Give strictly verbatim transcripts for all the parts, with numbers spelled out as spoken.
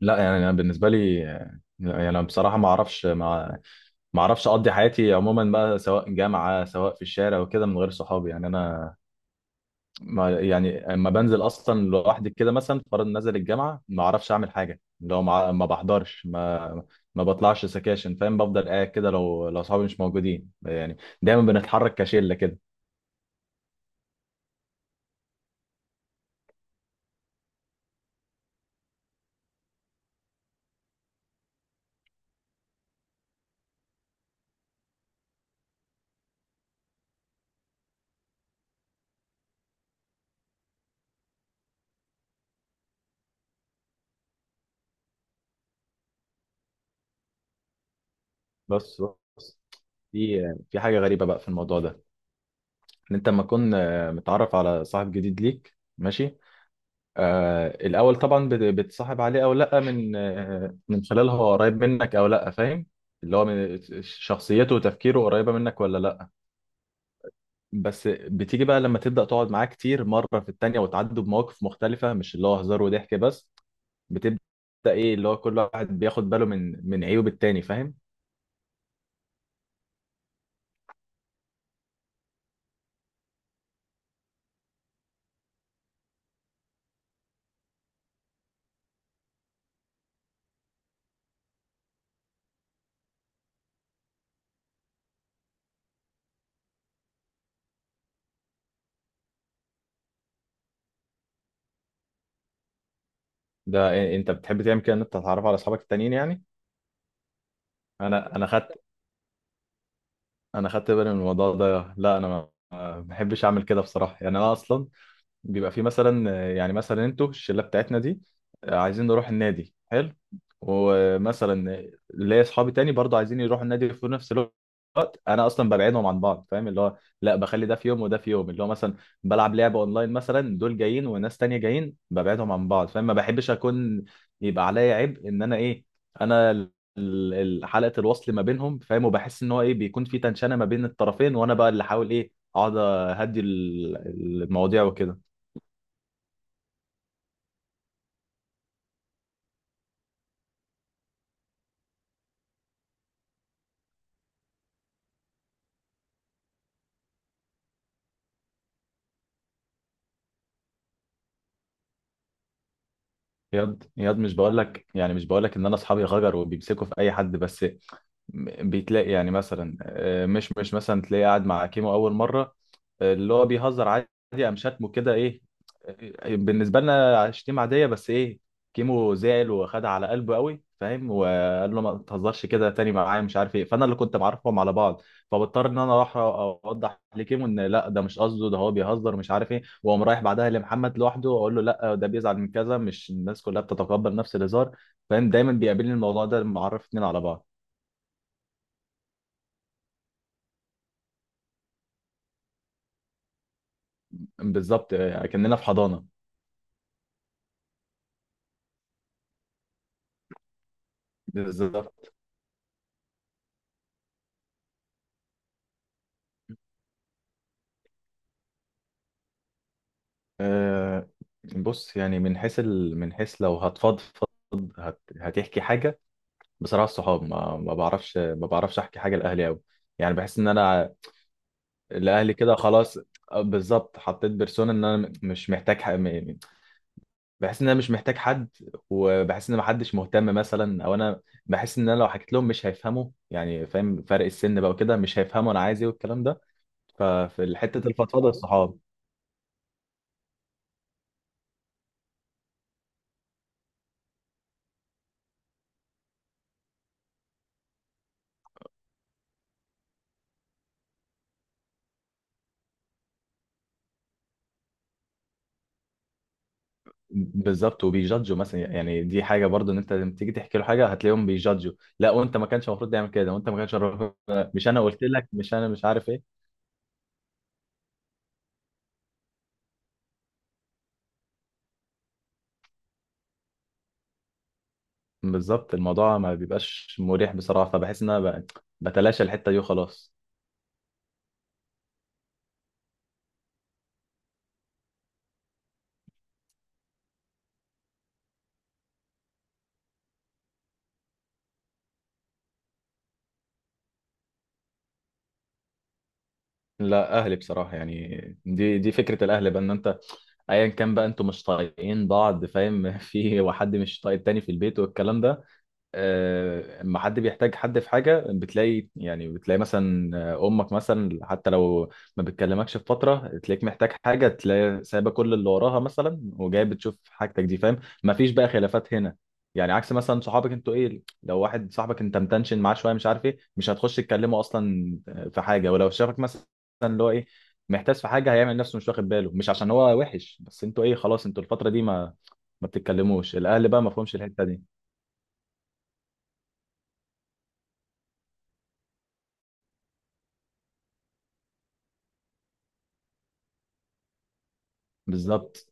لا يعني انا بالنسبه لي، يعني انا بصراحه ما اعرفش ما ما اعرفش اقضي حياتي عموما بقى، سواء جامعه سواء في الشارع وكده، من غير صحابي. يعني انا ما يعني اما بنزل اصلا لوحدي كده، مثلا فرض نزل الجامعه، ما اعرفش اعمل حاجه. لو ما ما بحضرش، ما ما بطلعش سكاشن، فاهم؟ بفضل قاعد كده لو لو صحابي مش موجودين. يعني دايما بنتحرك كشله كده. بس بس في في حاجه غريبه بقى في الموضوع ده، ان انت لما تكون آه، متعرف على صاحب جديد ليك، ماشي، آه الأول طبعا بت- بتصاحب عليه أو لأ من آه من خلال هو قريب منك أو لأ، فاهم؟ اللي هو من شخصيته وتفكيره قريبة منك ولا لأ. بس بتيجي بقى لما تبدأ تقعد معاه كتير، مرة في التانية، وتعدوا بمواقف مختلفة، مش اللي هو هزار وضحك بس. بتبدأ إيه، اللي هو كل واحد بياخد باله من من عيوب التاني، فاهم؟ ده إيه- أنت بتحب تعمل كده، إن أنت تتعرف على أصحابك التانيين يعني؟ أنا أنا خدت أنا خدت بالي من الموضوع ده. لا أنا ما ما بحبش أعمل كده بصراحة. يعني أنا أصلا بيبقى في مثلا، آه، يعني مثلا انتوا الشله بتاعتنا دي آه، عايزين نروح النادي، حلو، ومثلا ليا اصحابي تاني برضو عايزين يروحوا النادي في نفس الوقت. انا اصلا ببعدهم عن بعض، فاهم؟ اللي هو لا بخلي ده في يوم وده في يوم، اللي هو مثلا بلعب لعبه اونلاين مثلا، دول جايين وناس تانية جايين، ببعدهم عن بعض، فاهم؟ ما بحبش اكون يبقى عليا عبء ان انا ايه، انا ال- ال- حلقه الوصل ما بينهم، فاهم؟ وبحس ان هو ايه، بيكون في تنشنه ما بين الطرفين، وانا بقى اللي احاول ايه اقعد اهدي ال- المواضيع وكده. ياد ياد مش بقول لك، يعني مش بقول لك ان انا اصحابي غجر وبيمسكوا في اي حد. بس م- بيتلاقي يعني مثلا، آه، مش مش مثلا تلاقيه قاعد مع كيمو اول مره، اللي هو بيهزر عادي، قام شتمه كده. ايه، بالنسبه لنا شتيمه عاديه، بس ايه، كيمو زعل وخدها على قلبه قوي، فاهم؟ وقال له ما تهزرش كده تاني معايا، مش عارف ايه. فانا اللي كنت معرفهم على بعض، فبضطر ان انا اروح اوضح لكيمو ان لا ده مش قصده، ده هو بيهزر مش عارف ايه، واقوم رايح بعدها لمحمد لوحده اقول له لا ده بيزعل من كذا، مش الناس كلها بتتقبل نفس الهزار، فاهم؟ دايما بيقابلني الموضوع ده لما اعرف اتنين على بعض. بالظبط، آه، كاننا في حضانه. بالظبط. أه، بص يعني من حيث ال... من حيث لو هتفضفض، هت... هتحكي حاجة بصراحة، الصحاب. ما... ما بعرفش ما بعرفش أحكي حاجة لأهلي أوي. يعني بحس إن أنا لأهلي كده خلاص. آه، بالظبط، حطيت بيرسونا إن أنا م- مش محتاج ح... م- بحس إن أنا مش محتاج حد، وبحس إن محدش مهتم مثلا، أو أنا بحس إن أنا لو حكيت لهم مش هيفهموا، يعني فاهم، فرق السن بقى وكده، مش هيفهموا أنا عايز إيه والكلام ده. ففي حتة الفضفضة الصحاب. بالظبط، وبيجادجوا مثلا. يعني دي حاجه برضو، ان انت لما تيجي تحكي له حاجه هتلاقيهم بيجادجوا، لا وانت ما كانش المفروض تعمل كده، وانت ما كانش المفروض، مش انا قلت لك، مش انا مش عارف ايه. بالظبط، الموضوع ما بيبقاش مريح بصراحه، فبحس ان انا ب- بتلاشى الحته دي وخلاص. لا اهلي بصراحه، يعني دي دي فكره الاهل بقى، ان انت ايا كان بقى انتوا مش طايقين بعض، فاهم؟ في واحد مش طايق التاني في البيت والكلام ده، آه، اما حد بيحتاج حد في حاجه، بتلاقي يعني بتلاقي مثلا آه، امك مثلا، حتى لو ما بتكلمكش في فتره، تلاقيك محتاج حاجه، تلاقي سايبه كل اللي وراها مثلا وجايه بتشوف حاجتك دي، فاهم؟ ما فيش بقى خلافات هنا. يعني عكس مثلا صحابك، انتوا ايه، لو واحد صاحبك انت متنشن معاه شويه مش عارف ايه، مش هتخش تكلمه اصلا آه، في حاجه. ولو شافك مثلا اللي هو ايه، محتاج في حاجه، هيعمل نفسه مش واخد باله، مش عشان هو وحش، بس انتوا ايه خلاص انتوا الفتره دي ما ما بتتكلموش. الاهل بقى ما فهمش الحته دي. بالظبط.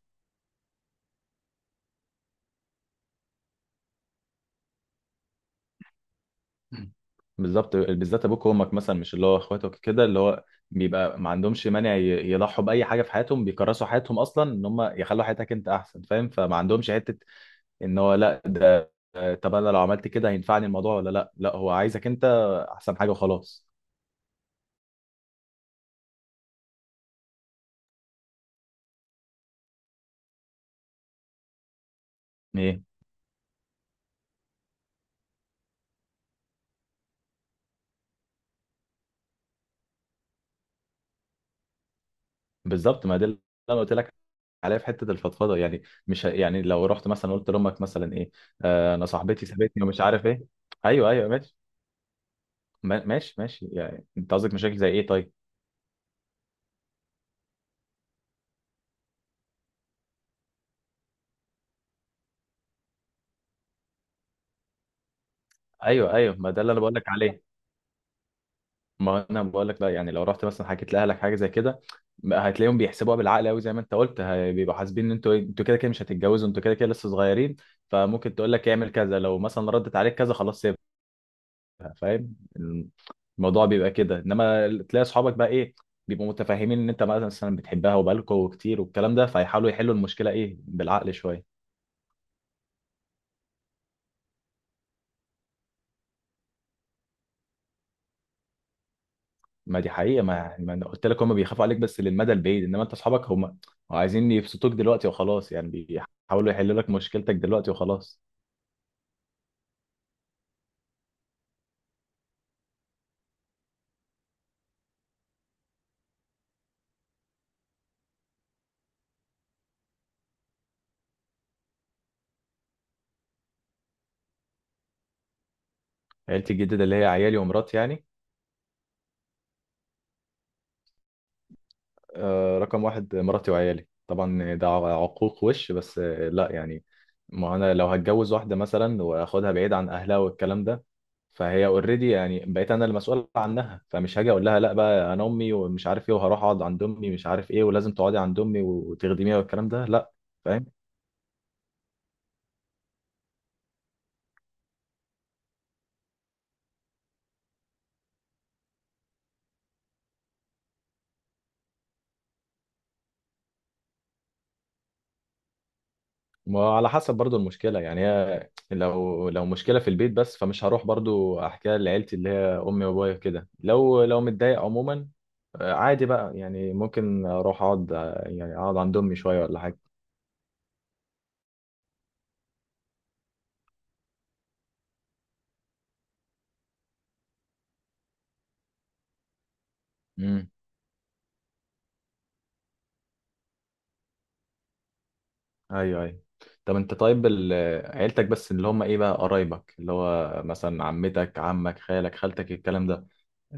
مم. بالظبط، بالذات ابوك وامك مثلا، مش اللي هو اخواتك كده، اللي هو بيبقى ما عندهمش مانع ي- يضحوا باي حاجه في حياتهم، بيكرسوا حياتهم اصلا ان هم يخلوا حياتك انت احسن، فاهم؟ فما عندهمش حته ان هو لا ده آه، طب انا لو عملت كده هينفعني الموضوع ولا لا، لا هو عايزك انت احسن حاجه وخلاص. ايه، بالظبط ما ده اللي انا قلت لك، عليا في حته الفضفضه، يعني مش ه- يعني لو رحت مثلا قلت لامك مثلا ايه، آه انا صاحبتي سابتني ومش عارف ايه. ايوه ايوه ماشي. ما- ماشي ماشي، يعني انت قصدك مشاكل زي ايه طيب؟ ايوه ايوه، ما ده اللي انا بقول لك عليه. ما انا بقول لك، لا يعني لو رحت مثلا حكيت لاهلك حاجه زي كده، ما هتلاقيهم بيحسبوها بالعقل قوي زي ما انت قلت، هي- بيبقوا حاسبين ان انتوا إيه، انتوا كده كده مش هتتجوزوا، انتوا كده كده لسه صغيرين، فممكن تقول لك اعمل كذا، لو مثلا ردت عليك كذا خلاص سيبها، فاهم؟ الموضوع بيبقى كده. انما تلاقي اصحابك بقى ايه، بيبقوا متفاهمين ان انت مثلا بتحبها وبقالكوا كتير والكلام ده، فيحاولوا يحلوا المشكله ايه بالعقل شويه. ما دي حقيقة، ما يعني ما انا قلت لك، هم بيخافوا عليك بس للمدى البعيد، انما انت اصحابك هم عايزين يبسطوك دلوقتي وخلاص، يعني بيحاولوا يحلوا لك مشكلتك دلوقتي وخلاص. عيلتي الجديدة اللي هي عيالي ومراتي يعني. آه، رقم واحد مراتي وعيالي طبعا، ده عقوق وش بس. آه لا يعني، ما انا لو هتجوز واحدة مثلا واخدها بعيد عن اهلها والكلام ده، فهي اوريدي يعني، بقيت انا المسؤول عنها، فمش هاجي اقول لها لا بقى انا امي ومش عارف ايه، وهروح اقعد عند امي مش عارف ايه، ولازم تقعدي عند امي وتخدميها والكلام ده، لا. فاهم. ما على حسب برضو المشكلة يعني، هي لو لو مشكلة في البيت بس، فمش هروح برضو أحكيها لعيلتي اللي هي أمي وأبويا كده. لو لو متضايق عموما آه، عادي بقى، يعني ممكن أروح أقعد، آه، يعني أقعد عند أمي شوية ولا حاجة. امم أيوه أيوه. طب أنت طيب ال- عيلتك بس اللي هم إيه بقى، قرايبك اللي هو مثلا عمتك، عمك، خالك، خالتك، الكلام ده،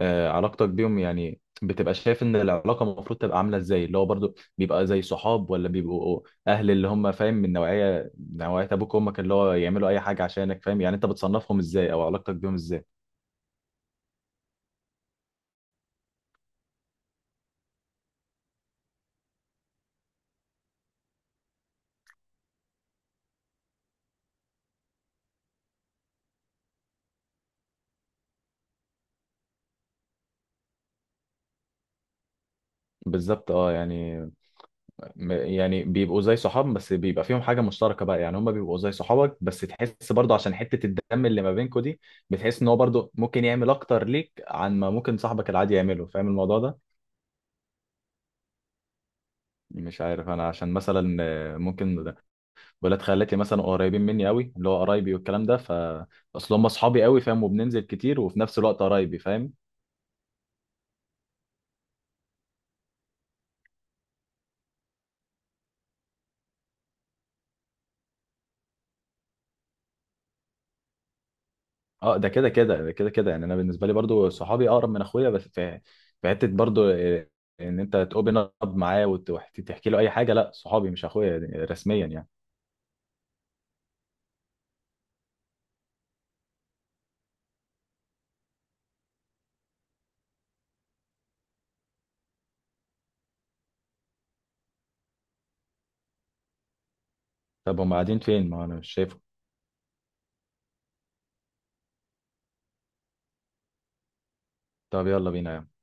آه، علاقتك بيهم يعني، بتبقى شايف ان العلاقه المفروض تبقى عامله ازاي؟ اللي هو برضو بيبقى زي صحاب، ولا بيبقوا اهل اللي هم، فاهم؟ من نوعيه، نوعيه ابوك وامك اللي هو يعملوا اي حاجه عشانك، فاهم؟ يعني انت بتصنفهم ازاي، او علاقتك بيهم ازاي؟ بالظبط، اه يعني م- يعني بيبقوا زي صحاب، بس بيبقى فيهم حاجه مشتركه بقى، يعني هم بيبقوا زي صحابك بس تحس برضو عشان حته الدم اللي ما بينكوا دي، بتحس ان هو برضو ممكن يعمل اكتر ليك عن ما ممكن صاحبك العادي يعمله، فاهم الموضوع ده؟ مش عارف انا، عشان مثلا آه، ممكن ولاد خالاتي مثلا قريبين مني قوي، اللي هو قرايبي والكلام ده، ف اصل هم اصحابي قوي، فاهم؟ وبننزل كتير وفي نفس الوقت قرايبي، فاهم؟ اه، ده كده كده، ده كده كده يعني. انا بالنسبه لي برضو صحابي اقرب من اخويا، بس في في حته برضو إيه، ان انت تقوبن اب معاه وت- وتحكي له اي حاجه، لا صحابي مش اخويا يعني رسميا يعني. طب هم قاعدين فين، ما انا مش شايفه؟ طب يلا بينا يا عم.